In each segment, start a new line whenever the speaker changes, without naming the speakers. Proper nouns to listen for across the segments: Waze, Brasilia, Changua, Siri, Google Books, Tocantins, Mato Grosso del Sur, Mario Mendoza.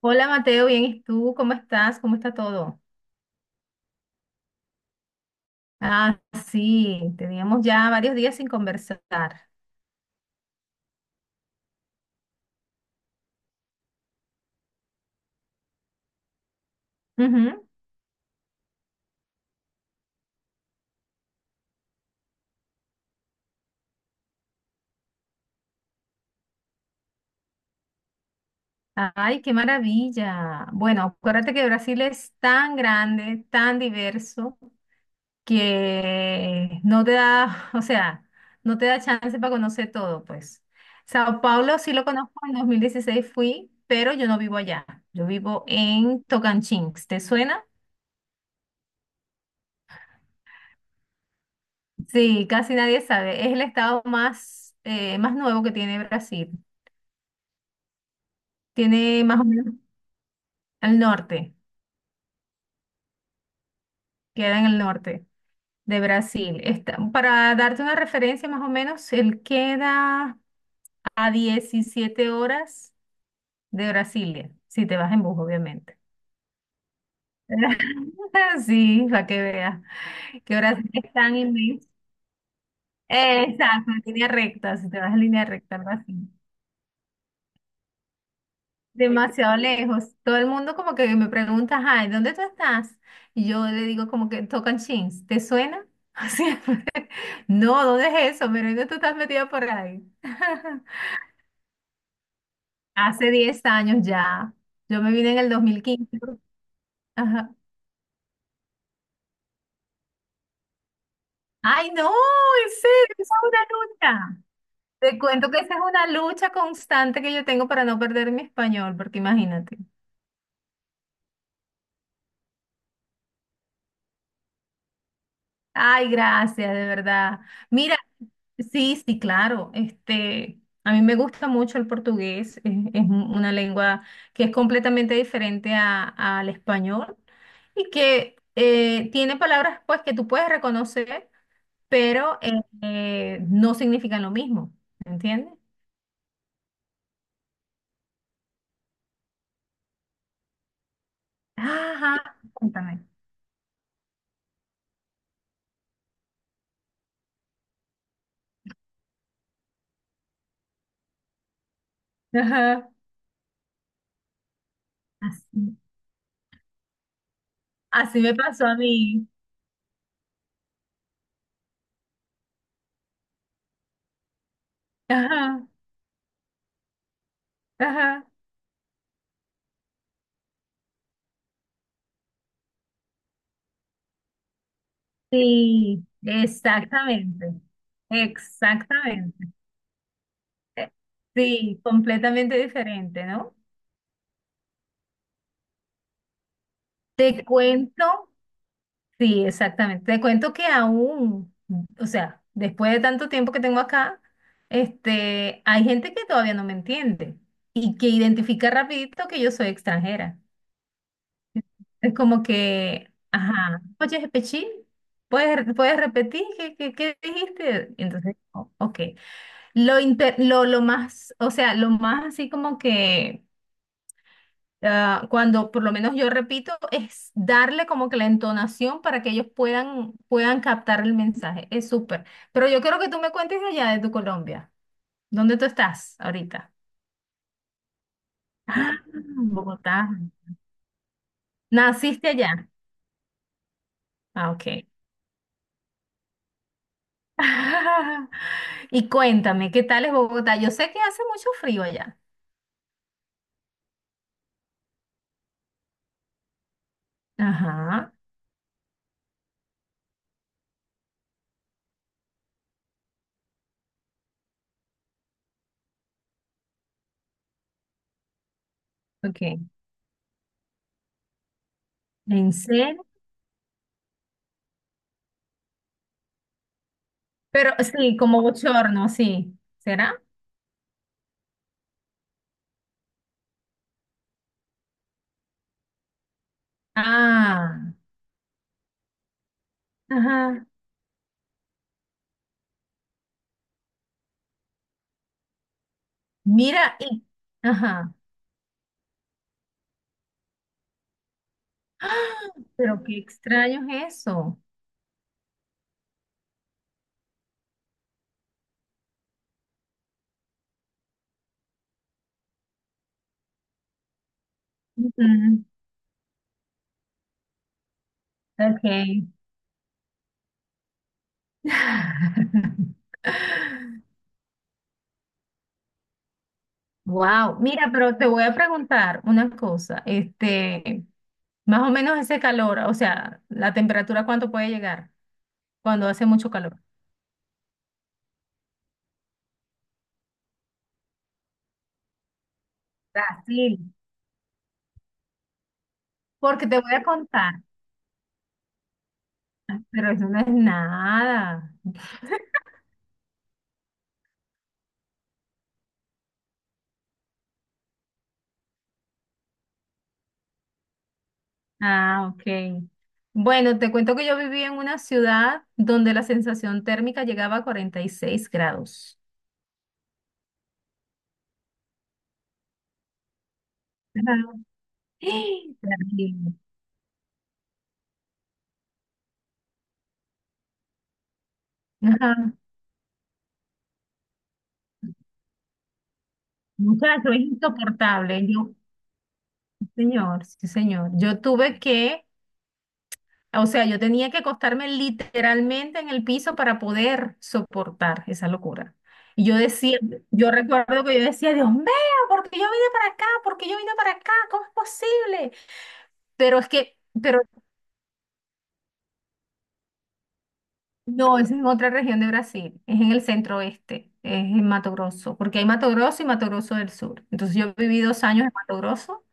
Hola Mateo, bien, ¿y tú? ¿Cómo estás? ¿Cómo está todo? Ah, sí, teníamos ya varios días sin conversar. Ujú. Ay, qué maravilla. Bueno, acuérdate que Brasil es tan grande, tan diverso, que no te da, o sea, no te da chance para conocer todo, pues. Sao Paulo sí lo conozco, en 2016 fui, pero yo no vivo allá. Yo vivo en Tocantins. ¿Te suena? Sí, casi nadie sabe. Es el estado más, más nuevo que tiene Brasil. Tiene más o menos al norte, queda en el norte de Brasil. Está, para darte una referencia más o menos, él queda a 17 horas de Brasilia, si te vas en bus, obviamente. Sí, para que veas que Brasil es tan inmenso. Exacto, en línea recta, si te vas en línea recta, algo así. Demasiado lejos. Todo el mundo como que me pregunta, ay, ¿dónde tú estás? Y yo le digo como que tocan chins, ¿te suena? Siempre. No, ¿dónde es eso? Pero ¿dónde tú estás metida por ahí? Hace 10 años ya. Yo me vine en el 2015. Ajá. Ay, no, en serio, esa es una lucha. Te cuento que esa es una lucha constante que yo tengo para no perder mi español, porque imagínate. Ay, gracias, de verdad. Mira, sí, sí, claro. Este, a mí me gusta mucho el portugués. Es una lengua que es completamente diferente al español y que tiene palabras pues que tú puedes reconocer, pero no significan lo mismo. ¿Entiendes? Ajá, cuéntame. Ajá. Así, así me pasó a mí. Ajá, ajá. Sí, exactamente, exactamente. Eh, Sí, completamente diferente, ¿no? Te cuento, sí, exactamente. Te cuento que aún, o sea, después de tanto tiempo que tengo acá, este, hay gente que todavía no me entiende y que identifica rapidito que yo soy extranjera. Es como que, ajá, oye, Pechín, ¿puedes repetir qué dijiste? Y entonces, ok. Lo más, o sea, lo más así como que ah, cuando por lo menos yo repito, es darle como que la entonación para que ellos puedan captar el mensaje. Es súper. Pero yo quiero que tú me cuentes de allá de tu Colombia. ¿Dónde tú estás ahorita? Ah, Bogotá. ¿Naciste allá? Ah, ok. Y cuéntame, ¿qué tal es Bogotá? Yo sé que hace mucho frío allá. Ajá, ok. ¿En serio? Pero sí, como bochorno, sí. ¿Será? Ah, ajá. Mira, y, ajá. ¡Ah! Pero qué extraño es eso. Ujú. Ok. Wow. Mira, pero te voy a preguntar una cosa. Este, más o menos ese calor, o sea, la temperatura, ¿cuánto puede llegar cuando hace mucho calor? Brasil. Porque te voy a contar, pero eso no es nada. Ah, ok. Bueno, te cuento que yo viví en una ciudad donde la sensación térmica llegaba a 46 grados. Ajá. ¡Ah! Terrible. Ajá. Muchacho, es insoportable. Yo, sí, señor, sí, señor. O sea, yo tenía que acostarme literalmente en el piso para poder soportar esa locura. Y yo decía, yo recuerdo que yo decía, Dios mío, ¿por qué yo vine para acá? ¿Por qué yo vine para acá? ¿Cómo es posible? Pero es que, pero no, es en otra región de Brasil, es en el centro oeste, es en Mato Grosso, porque hay Mato Grosso y Mato Grosso del Sur. Entonces yo viví 2 años en Mato Grosso,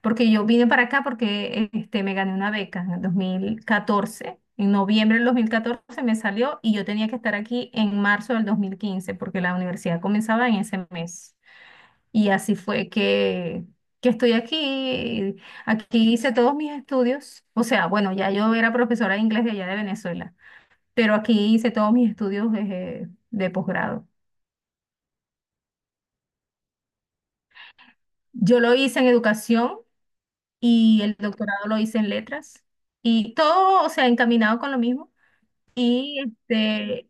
porque yo vine para acá porque este, me gané una beca en el 2014. En noviembre del 2014 me salió y yo tenía que estar aquí en marzo del 2015, porque la universidad comenzaba en ese mes. Y así fue que, que estoy aquí. Aquí hice todos mis estudios. O sea, bueno, ya yo era profesora de inglés de allá de Venezuela, pero aquí hice todos mis estudios de posgrado. Yo lo hice en educación y el doctorado lo hice en letras y todo, o sea, encaminado con lo mismo. Y este,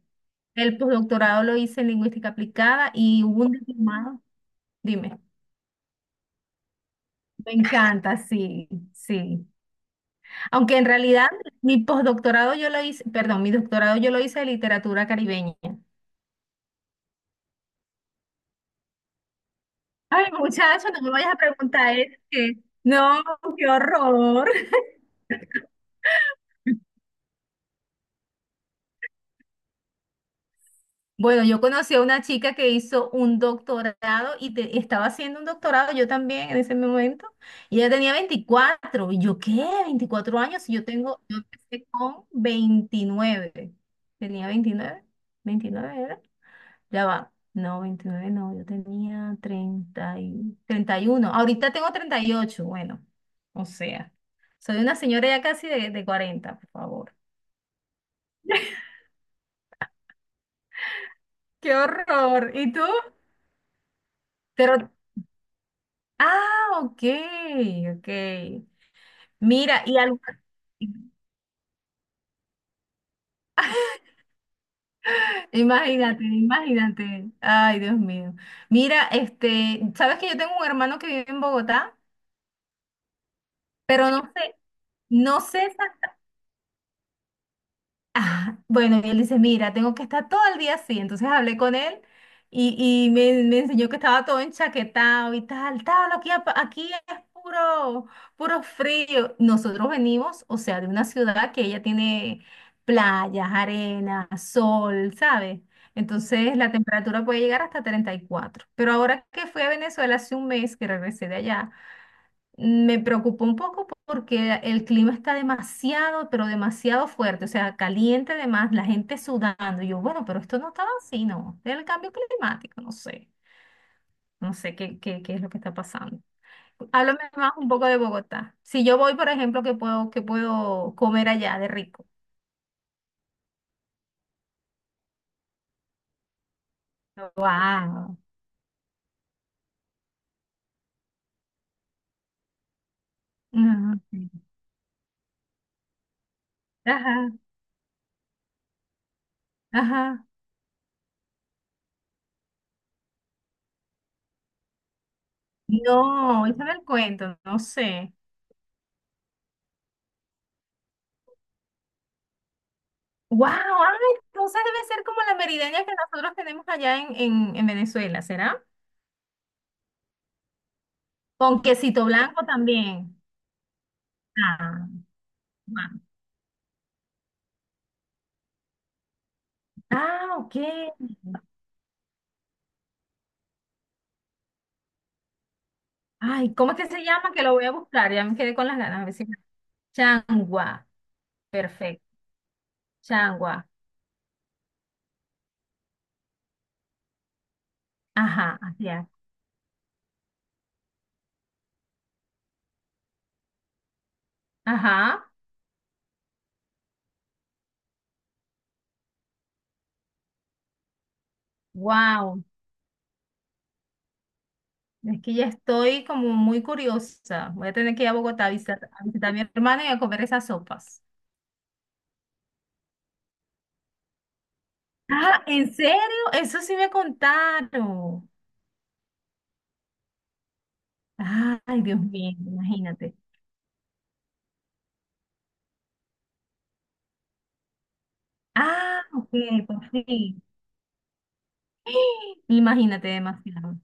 el posdoctorado lo hice en lingüística aplicada y hubo un diplomado, dime. Me encanta, sí, sí. Aunque en realidad mi posdoctorado yo lo hice, perdón, mi doctorado yo lo hice de literatura caribeña. Ay, muchacho, no me vayas a preguntar eso, no, qué horror. Bueno, yo conocí a una chica que hizo un doctorado y estaba haciendo un doctorado yo también en ese momento. Y ella tenía 24. ¿Y yo qué? 24 años. Y yo empecé con 29. ¿Tenía 29, 29 era? Ya va. No, 29 no. Yo tenía 31. Ahorita tengo 38. Bueno, o sea, soy una señora ya casi de 40, por favor. ¡Qué horror! ¿Y tú? Pero Ah, ok, ok. Mira, y algo, imagínate, imagínate. Ay, Dios mío. Mira, este, sabes que yo tengo un hermano que vive en Bogotá, pero no sé, no sé. Ah, bueno, y él dice, mira, tengo que estar todo el día así. Entonces hablé con él y me enseñó que estaba todo enchaquetado y tal, tal, aquí es puro, puro frío. Nosotros venimos, o sea, de una ciudad que ella tiene playas, arena, sol, ¿sabes? Entonces la temperatura puede llegar hasta 34. Pero ahora que fui a Venezuela hace un mes que regresé de allá, me preocupó un poco porque el clima está demasiado, pero demasiado fuerte, o sea, caliente además, la gente sudando. Y yo, bueno, pero esto no estaba así, ¿no? Del cambio climático, no sé, no sé qué, qué es lo que está pasando. Háblame más un poco de Bogotá. Si yo voy, por ejemplo, ¿qué puedo comer allá de rico? Wow. Ajá, ajá. Ajá. No, échame el cuento, no sé. Wow, ay, entonces debe ser como la merideña que nosotros tenemos allá en Venezuela, ¿será? Con quesito blanco también. Ah, guau. Ah, ok. Ay, ¿cómo es que se llama? Que lo voy a buscar, ya me quedé con las ganas. A ver si... Changua, perfecto. Changua. Ajá, así es. Ajá. Wow. Es que ya estoy como muy curiosa. Voy a tener que ir a Bogotá a visitar a mi hermana y a comer esas sopas. Ah, ¿en serio? Eso sí me contaron. Ay, Dios mío, imagínate. Ah, ok, por fin. Imagínate demasiado.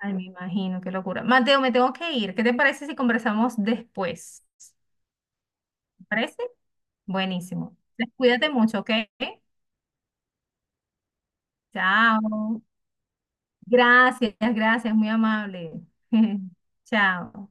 Ay, me imagino, qué locura. Mateo, me tengo que ir. ¿Qué te parece si conversamos después? ¿Te parece? Buenísimo. Entonces, cuídate mucho, ¿ok? Chao. Gracias, gracias, muy amable. Chao.